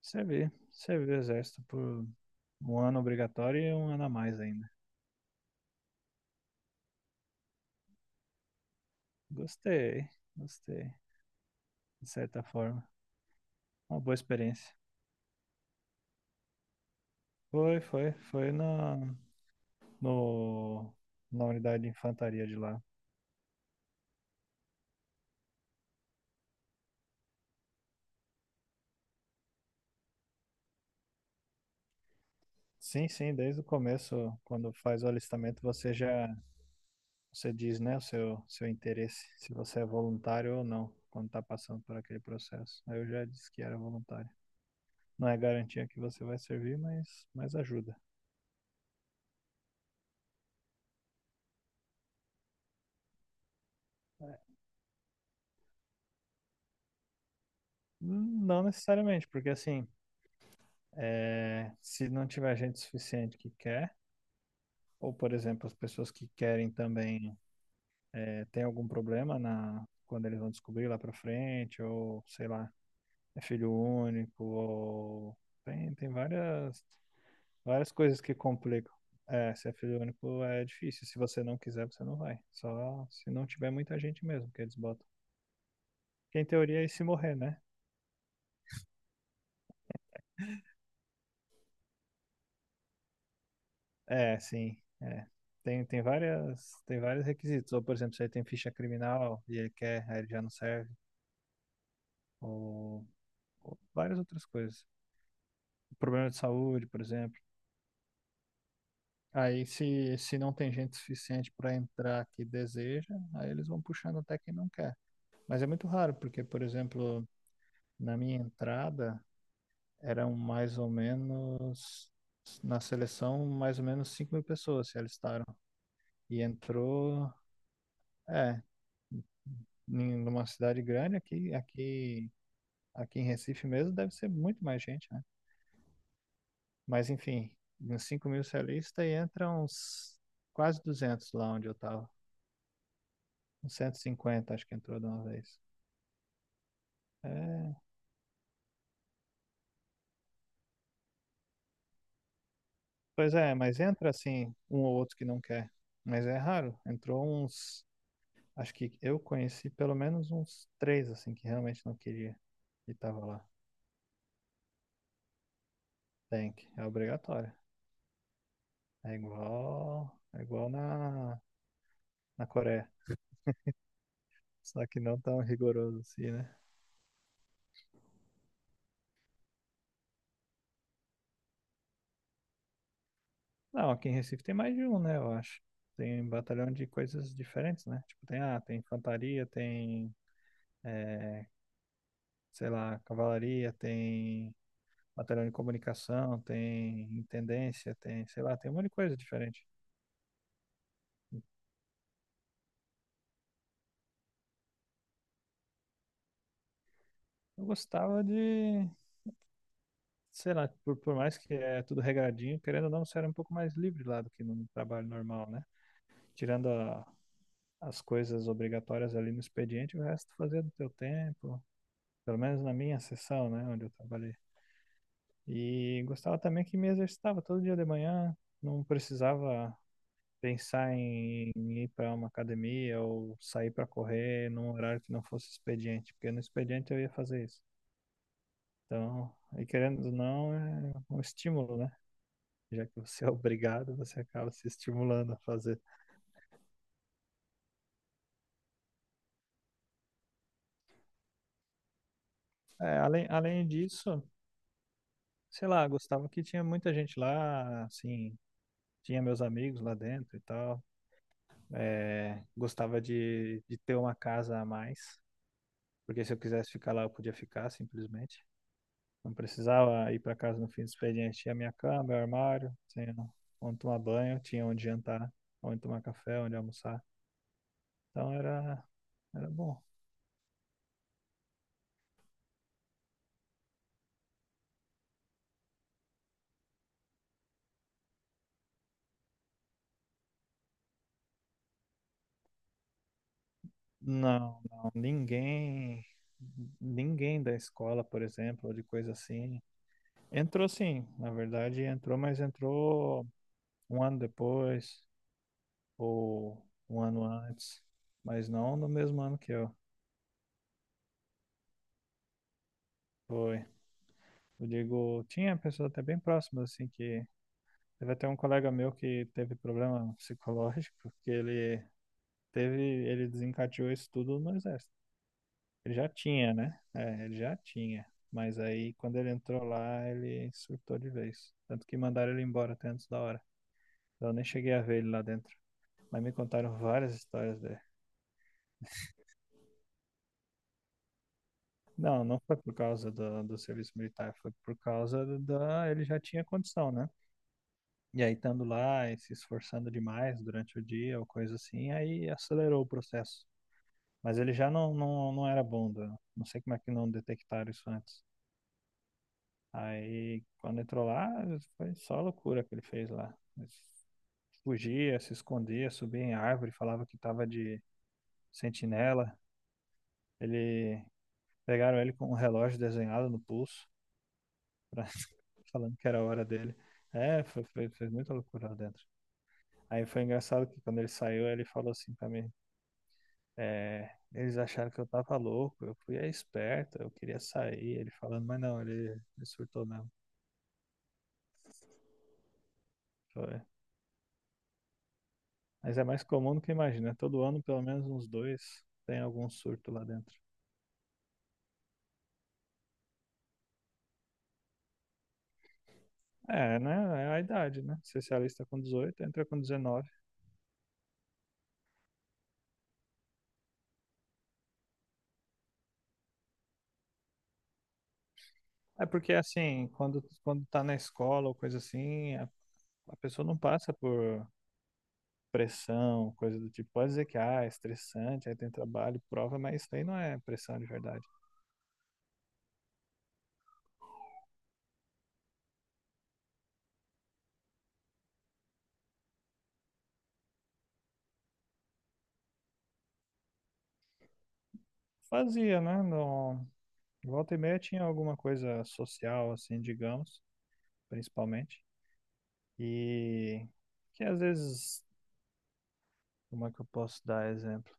Servi o exército por um ano obrigatório e um ano a mais ainda. Gostei, gostei, de certa forma. Uma boa experiência. Foi na, no, na unidade de infantaria de lá. Sim, sim, desde o começo, quando faz o alistamento, você diz, né, o seu interesse, se você é voluntário ou não, quando tá passando por aquele processo. Aí eu já disse que era voluntário. Não é garantia que você vai servir, mas ajuda. Não necessariamente, porque assim, se não tiver gente suficiente que quer, ou por exemplo, as pessoas que querem também têm algum problema quando eles vão descobrir lá pra frente, ou sei lá, é filho único, ou tem várias coisas que complicam. É, se é filho único é difícil, se você não quiser, você não vai. Só se não tiver muita gente mesmo que eles botam. Que em teoria é se morrer, né? É, sim. É. Tem vários requisitos. Ou, por exemplo, se ele tem ficha criminal e ele quer, aí ele já não serve. Ou, ou várias outras coisas. Problema de saúde, por exemplo. Aí, se não tem gente suficiente para entrar que deseja, aí eles vão puxando até quem não quer. Mas é muito raro, porque, por exemplo, na minha entrada, eram mais ou menos, na seleção, mais ou menos 5.000 pessoas se alistaram. E entrou, é, numa cidade grande aqui em Recife mesmo, deve ser muito mais gente, né? Mas enfim, uns 5.000 celistas e entra uns quase 200 lá onde eu tava. Uns 150 acho que entrou de uma vez. É, pois é, mas entra assim um ou outro que não quer. Mas é raro. Acho que eu conheci pelo menos uns três assim que realmente não queria e tava lá. É obrigatório. É igual na Coreia. Só que não tão rigoroso assim, né? Não, aqui em Recife tem mais de um, né? Eu acho. Tem um batalhão de coisas diferentes, né? Tipo, tem infantaria, tem, eh, sei lá, cavalaria, tem batalhão de comunicação, tem intendência, tem, sei lá, tem um monte de coisa diferente. Eu gostava de, sei lá, por mais que é tudo regradinho, querendo ou não, você era um pouco mais livre lá do que num trabalho normal, né? Tirando as coisas obrigatórias ali no expediente, o resto fazia do teu tempo, pelo menos na minha seção, né, onde eu trabalhei. E gostava também que me exercitava todo dia de manhã, não precisava pensar em ir para uma academia ou sair para correr num horário que não fosse expediente, porque no expediente eu ia fazer isso. Então, e querendo ou não, é um estímulo, né? Já que você é obrigado, você acaba se estimulando a fazer. É, além disso, sei lá, gostava que tinha muita gente lá, assim, tinha meus amigos lá dentro e tal. É, gostava de ter uma casa a mais, porque se eu quisesse ficar lá, eu podia ficar simplesmente. Não precisava ir para casa no fim do expediente. Tinha minha cama, meu armário, tinha onde tomar banho, tinha onde jantar, onde tomar café, onde almoçar. Então era bom. Não, não, ninguém da escola, por exemplo, ou de coisa assim. Entrou sim, na verdade entrou, mas entrou um ano depois, ou um ano antes, mas não no mesmo ano que eu. Foi. Eu digo, tinha pessoas até bem próximas, assim, que teve até um colega meu que teve problema psicológico, porque teve, ele desencadeou isso tudo no exército. Ele já tinha, né? É, ele já tinha. Mas aí, quando ele entrou lá, ele surtou de vez. Tanto que mandaram ele embora até antes da hora. Eu nem cheguei a ver ele lá dentro. Mas me contaram várias histórias dele. Não, não foi por causa do serviço militar, foi por causa da. Ele já tinha condição, né? E aí, estando lá e se esforçando demais durante o dia ou coisa assim, aí acelerou o processo. Mas ele já não era bom, não sei como é que não detectaram isso antes. Aí, quando entrou lá, foi só loucura que ele fez lá. Ele fugia, se escondia, subia em árvore, falava que estava de sentinela. Ele Pegaram ele com um relógio desenhado no pulso. pra- Falando que era a hora dele. É, fez muita loucura lá dentro. Aí foi engraçado que quando ele saiu, ele falou assim pra mim, eles acharam que eu tava louco, eu fui a esperta, eu queria sair, ele falando, mas não, ele surtou mesmo. Foi. Mas é mais comum do que imagina, né? Todo ano pelo menos uns dois tem algum surto lá dentro. É, né? É a idade, né? Você se alista com 18, entra com 19. É porque, assim, quando tá na escola ou coisa assim, a pessoa não passa por pressão, coisa do tipo. Pode dizer que ah, é estressante, aí tem trabalho, prova, mas isso aí não é pressão de verdade. Fazia, né? No... Volta e meia tinha alguma coisa social, assim, digamos, principalmente. E que às vezes, como é que eu posso dar exemplo?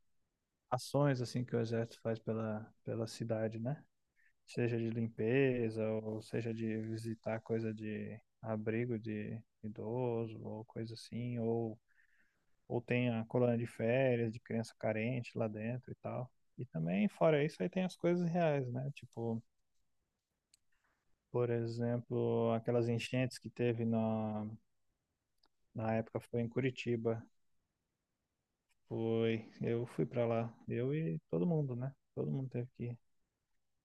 Ações, assim, que o exército faz pela cidade, né? Seja de limpeza, ou seja de visitar coisa de abrigo de idoso, ou coisa assim, ou tem a colônia de férias de criança carente lá dentro e tal. E também, fora isso, aí tem as coisas reais, né? Tipo, por exemplo, aquelas enchentes que teve na época foi em Curitiba. Foi, eu fui pra lá, eu e todo mundo, né? Todo mundo teve que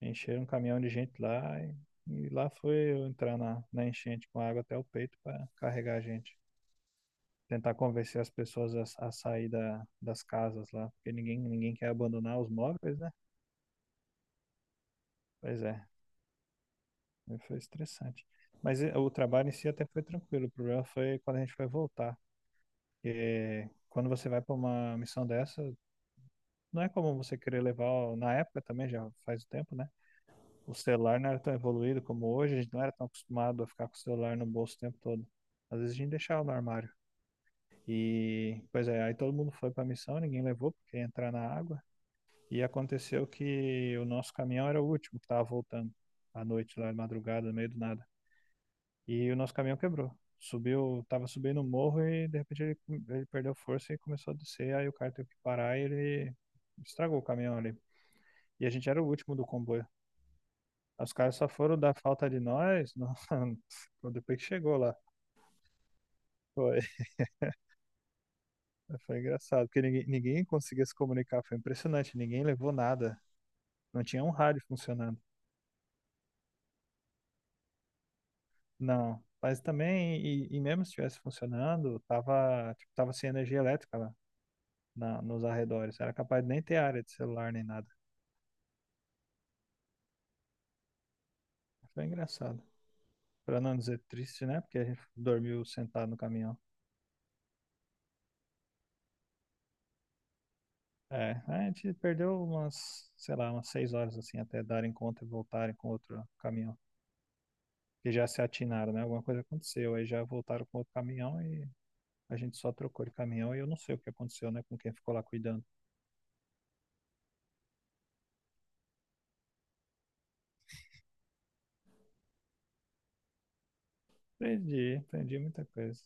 encher um caminhão de gente lá e lá foi eu entrar na enchente com água até o peito para carregar a gente. Tentar convencer as pessoas a sair das casas lá, porque ninguém quer abandonar os móveis, né? Pois é. Aí foi estressante. Mas o trabalho em si até foi tranquilo. O problema foi quando a gente foi voltar. E quando você vai para uma missão dessa, não é como você querer levar. Na época também, já faz o tempo, né? O celular não era tão evoluído como hoje. A gente não era tão acostumado a ficar com o celular no bolso o tempo todo. Às vezes a gente deixava no armário. E, pois é, aí todo mundo foi para a missão, ninguém levou, porque ia entrar na água. E aconteceu que o nosso caminhão era o último que estava voltando à noite, lá de madrugada, no meio do nada. E o nosso caminhão quebrou. Subiu, tava subindo o morro e de repente ele perdeu força e começou a descer. Aí o cara teve que parar e ele estragou o caminhão ali. E a gente era o último do comboio. Os caras só foram dar falta de nós depois que chegou lá. Foi, foi engraçado, porque ninguém conseguia se comunicar. Foi impressionante, ninguém levou nada. Não tinha um rádio funcionando. Não. Mas também, e mesmo se estivesse funcionando, tava, tipo, tava sem energia elétrica lá nos arredores. Era capaz de nem ter área de celular nem nada. Foi engraçado. Pra não dizer triste, né? Porque a gente dormiu sentado no caminhão. É, a gente perdeu umas, sei lá, umas 6 horas assim, até darem conta e voltarem com outro caminhão. Que já se atinaram, né? Alguma coisa aconteceu. Aí já voltaram com outro caminhão e a gente só trocou de caminhão e eu não sei o que aconteceu, né? Com quem ficou lá cuidando. Aprendi, aprendi muita coisa.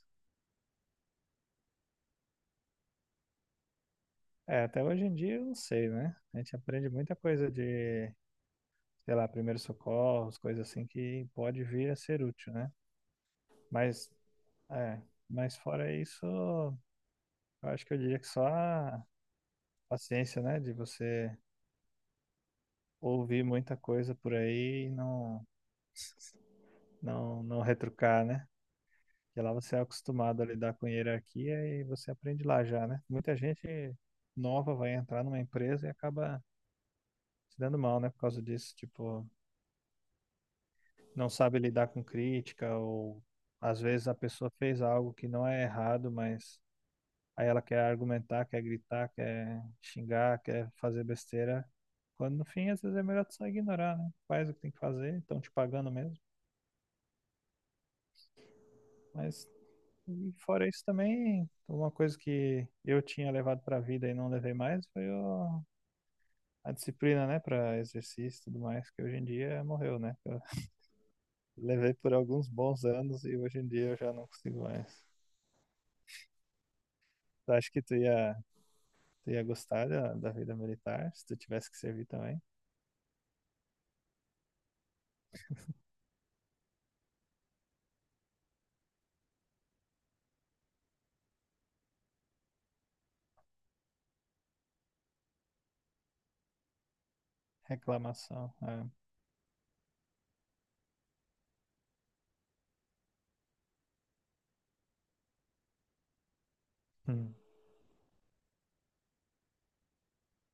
É, até hoje em dia eu não sei, né? A gente aprende muita coisa de, sei lá, primeiros socorros, coisas assim que pode vir a ser útil, né? Mas É, mas fora isso, eu acho que eu diria que só a paciência, né, de você ouvir muita coisa por aí e não retrucar, né? Porque lá você é acostumado a lidar com hierarquia e você aprende lá já, né? Muita gente nova vai entrar numa empresa e acaba se dando mal, né, por causa disso, tipo, não sabe lidar com crítica ou às vezes a pessoa fez algo que não é errado, mas aí ela quer argumentar, quer gritar, quer xingar, quer fazer besteira. Quando no fim, às vezes é melhor tu só ignorar, né? Faz o que tem que fazer, estão te pagando mesmo. Mas e fora isso também, uma coisa que eu tinha levado pra vida e não levei mais foi a disciplina, né, pra exercício e tudo mais, que hoje em dia morreu, né? Eu levei por alguns bons anos e hoje em dia eu já não consigo mais. Tu acha que tu ia gostar da vida militar se tu tivesse que servir também? Reclamação. É. Hum.